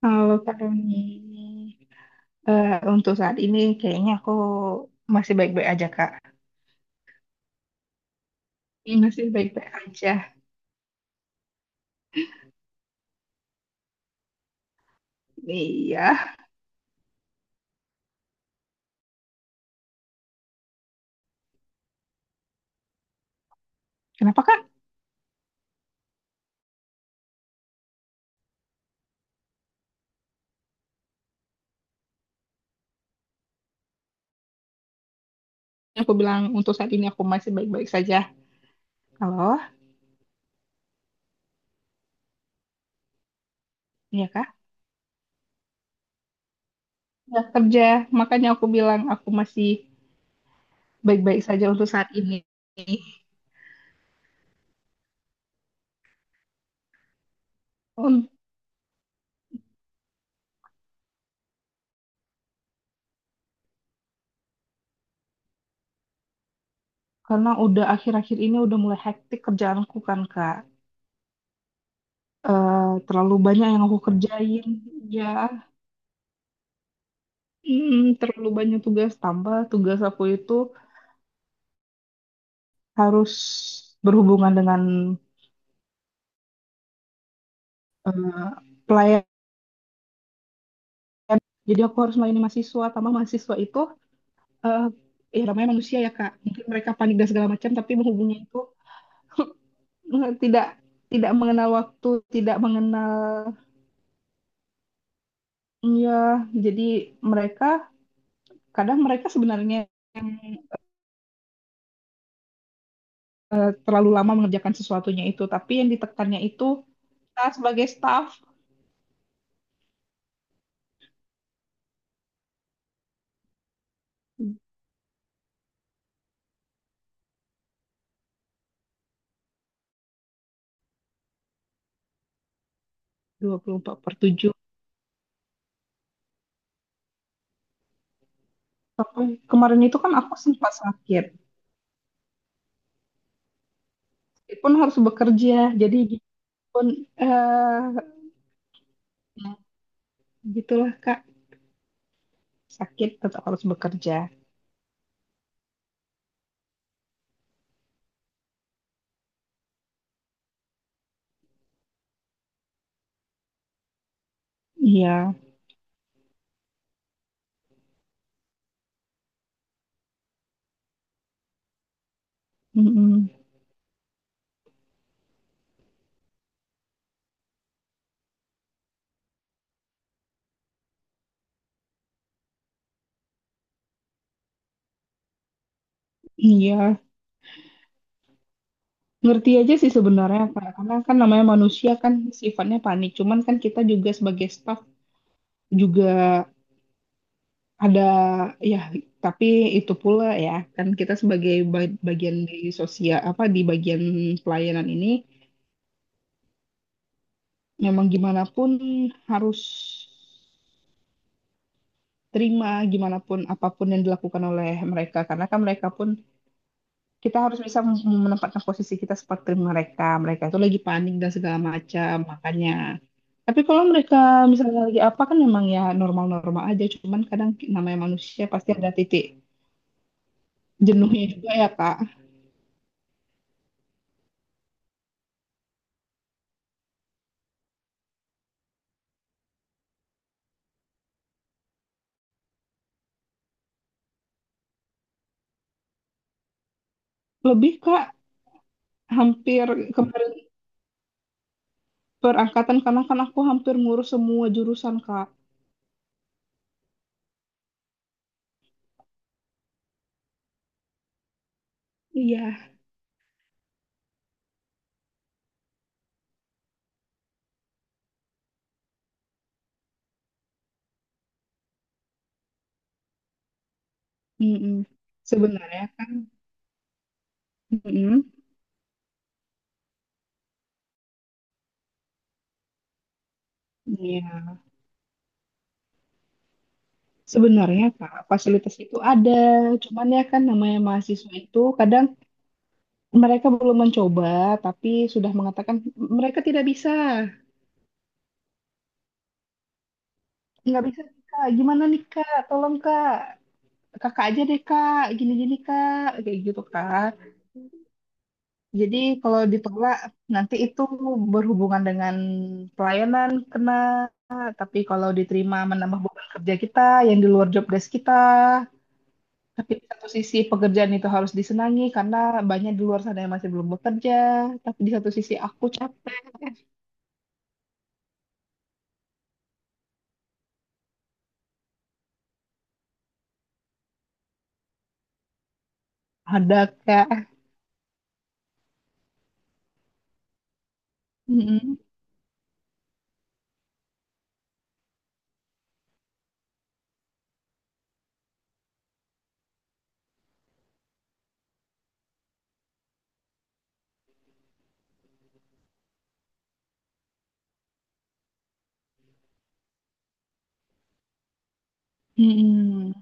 Kalau Kak Roni, untuk saat ini kayaknya aku masih baik-baik aja, Kak. Masih baik-baik aja. Iya. Kenapa, Kak? Aku bilang untuk saat ini aku masih baik-baik saja. Halo? Iya, Kak? Nggak kerja. Makanya aku bilang aku masih baik-baik saja untuk saat ini. Un- Karena udah akhir-akhir ini udah mulai hektik kerjaanku kan, Kak. Terlalu banyak yang aku kerjain. Ya, terlalu banyak tugas tambah tugas aku itu. Harus berhubungan dengan eh, pelayan. Jadi aku harus melayani mahasiswa, tambah mahasiswa itu, eh ya namanya manusia ya Kak. Mungkin mereka panik dan segala macam, tapi menghubungnya itu tidak tidak mengenal waktu, tidak mengenal, ya. Jadi mereka Kadang mereka sebenarnya yang terlalu lama mengerjakan sesuatunya itu, tapi yang ditekannya itu kita sebagai staff 24/7. Sampai kemarin itu kan aku sempat sakit. Pun harus bekerja, jadi gitu pun, eh gitulah Kak, sakit tetap harus bekerja. Iya, mm-mm. Iya, ngerti aja sih sebenarnya Kak karena kan namanya manusia kan sifatnya panik, cuman kan kita juga sebagai staff juga ada, ya, tapi itu pula ya, kan kita sebagai bagian di sosial apa di bagian pelayanan ini, memang gimana pun harus terima gimana pun apapun yang dilakukan oleh mereka karena kan mereka pun kita harus bisa menempatkan posisi kita seperti mereka mereka itu lagi panik dan segala macam makanya. Tapi kalau mereka misalnya lagi apa, kan memang ya normal-normal aja, cuman kadang namanya manusia pasti ada titik jenuhnya juga ya kak. Lebih kak, hampir, kemarin perangkatan karena kan aku hampir ngurus semua jurusan kak. Iya, mm-mm. Sebenarnya kan, mm-mm. Iya. Sebenarnya Kak, fasilitas itu ada, cuman ya kan namanya mahasiswa itu kadang mereka belum mencoba, tapi sudah mengatakan mereka tidak bisa, nggak bisa Kak, gimana nih Kak, tolong Kak, kakak aja deh Kak, gini-gini Kak, kayak gitu Kak. Jadi kalau ditolak nanti itu berhubungan dengan pelayanan kena, tapi kalau diterima menambah beban kerja kita yang di luar job desk kita. Tapi di satu sisi pekerjaan itu harus disenangi karena banyak di luar sana yang masih belum bekerja. Tapi di satu sisi aku cap, ada kak. Mm-mm. Mm-mm.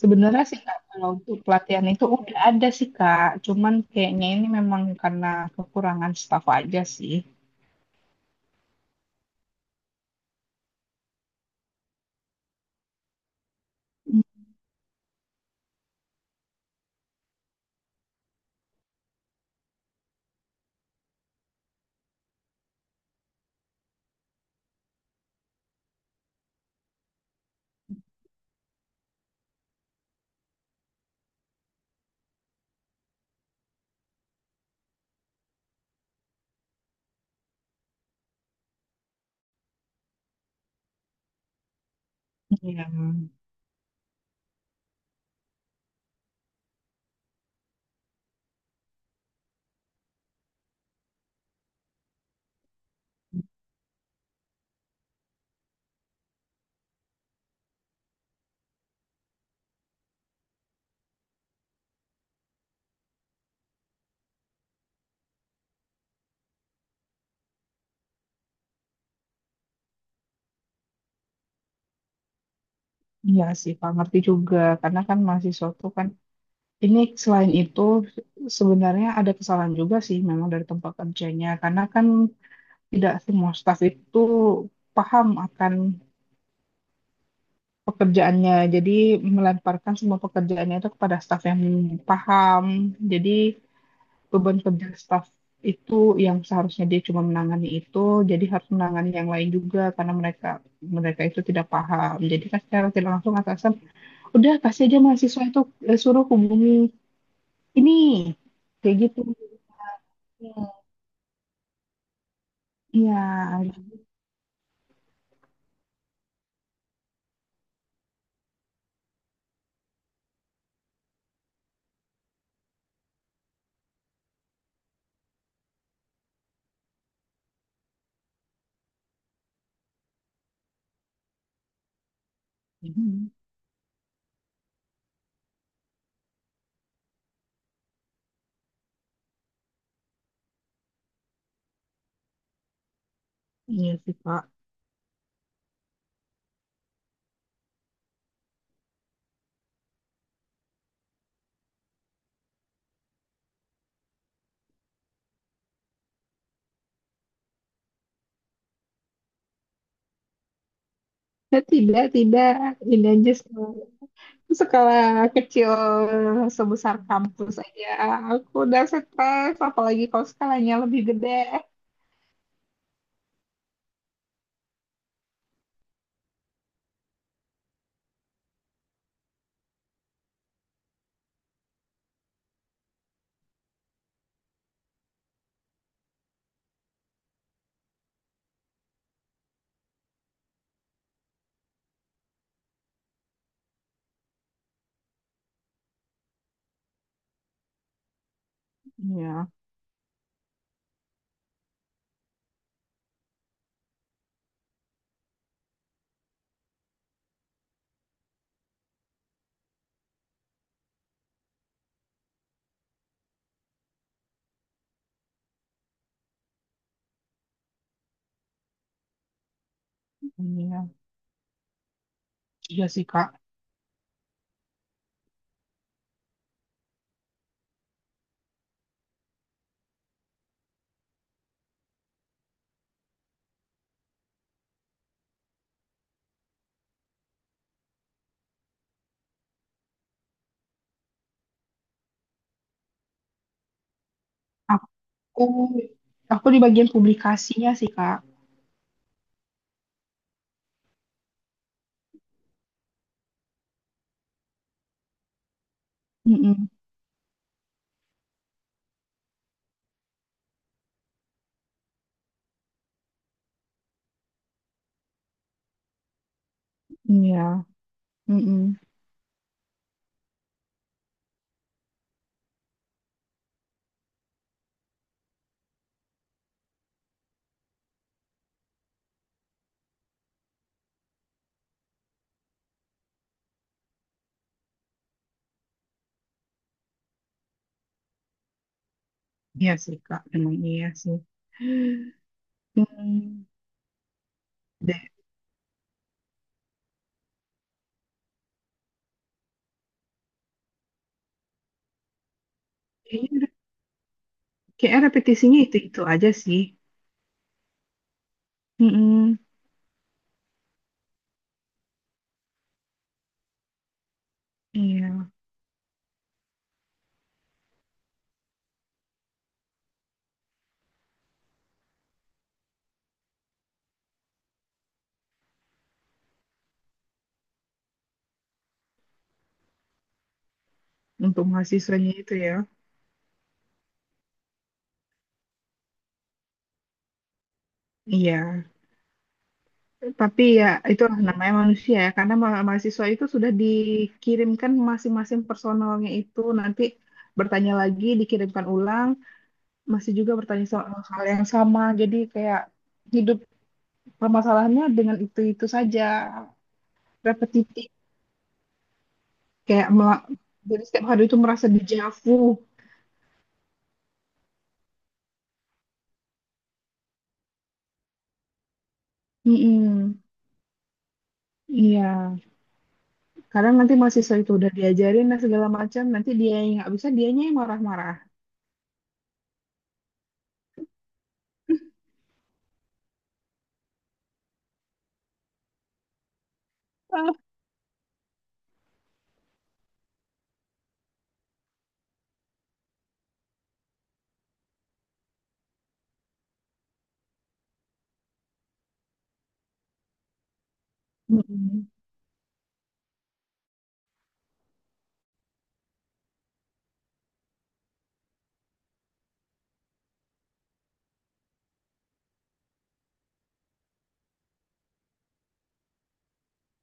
Sebenarnya sih kak kalau untuk pelatihan itu udah ada sih kak. Cuman kayaknya ini memang karena kekurangan staf aja sih. Iya, iya sih, Pak, ngerti juga. Karena kan mahasiswa tuh kan, ini selain itu sebenarnya ada kesalahan juga sih memang dari tempat kerjanya. Karena kan tidak semua staf itu paham akan pekerjaannya. Jadi melemparkan semua pekerjaannya itu kepada staf yang paham. Jadi beban kerja staf itu yang seharusnya dia cuma menangani itu, jadi harus menangani yang lain juga karena mereka mereka itu tidak paham. Jadi kan secara tidak langsung atasan udah kasih aja mahasiswa itu, suruh hubungi ini, kayak gitu. Iya, iya sih Pak. Tidak, tidak, tidak, tidak just sekolah kecil sebesar kampus aja. Aku udah stres, apalagi kalau skalanya lebih gede. Iya, iya, iya sih, Kak. Aku, aku di bagian publikasinya sih, Kak. Mm-mm. Iya, mm-mm. Iya sih, Kak. Emang iya sih. Hmm. Deh, kayaknya, kayaknya repetisinya itu-itu aja sih. Mm-mm. Iya, untuk mahasiswanya itu ya. Iya. Tapi ya itulah namanya manusia ya, karena mahasiswa itu sudah dikirimkan masing-masing personalnya itu nanti bertanya lagi, dikirimkan ulang, masih juga bertanya soal hal yang sama. Jadi kayak hidup permasalahannya dengan itu-itu saja, repetitif. Kayak mela- jadi setiap hari itu merasa dejavu. Mm-mm. Iya, kadang nanti mahasiswa itu udah diajarin dan segala macam, nanti dia yang nggak bisa, dianya yang marah-marah. Ah. Mm-mm.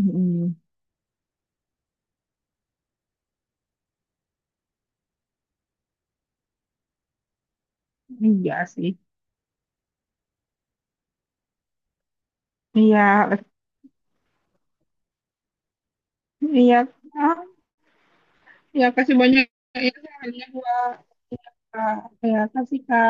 Mm-mm. Iya sih. Iya, iya, ah, ya kasih banyak ya sarannya buat ya, Kak. Ya kasih Kak.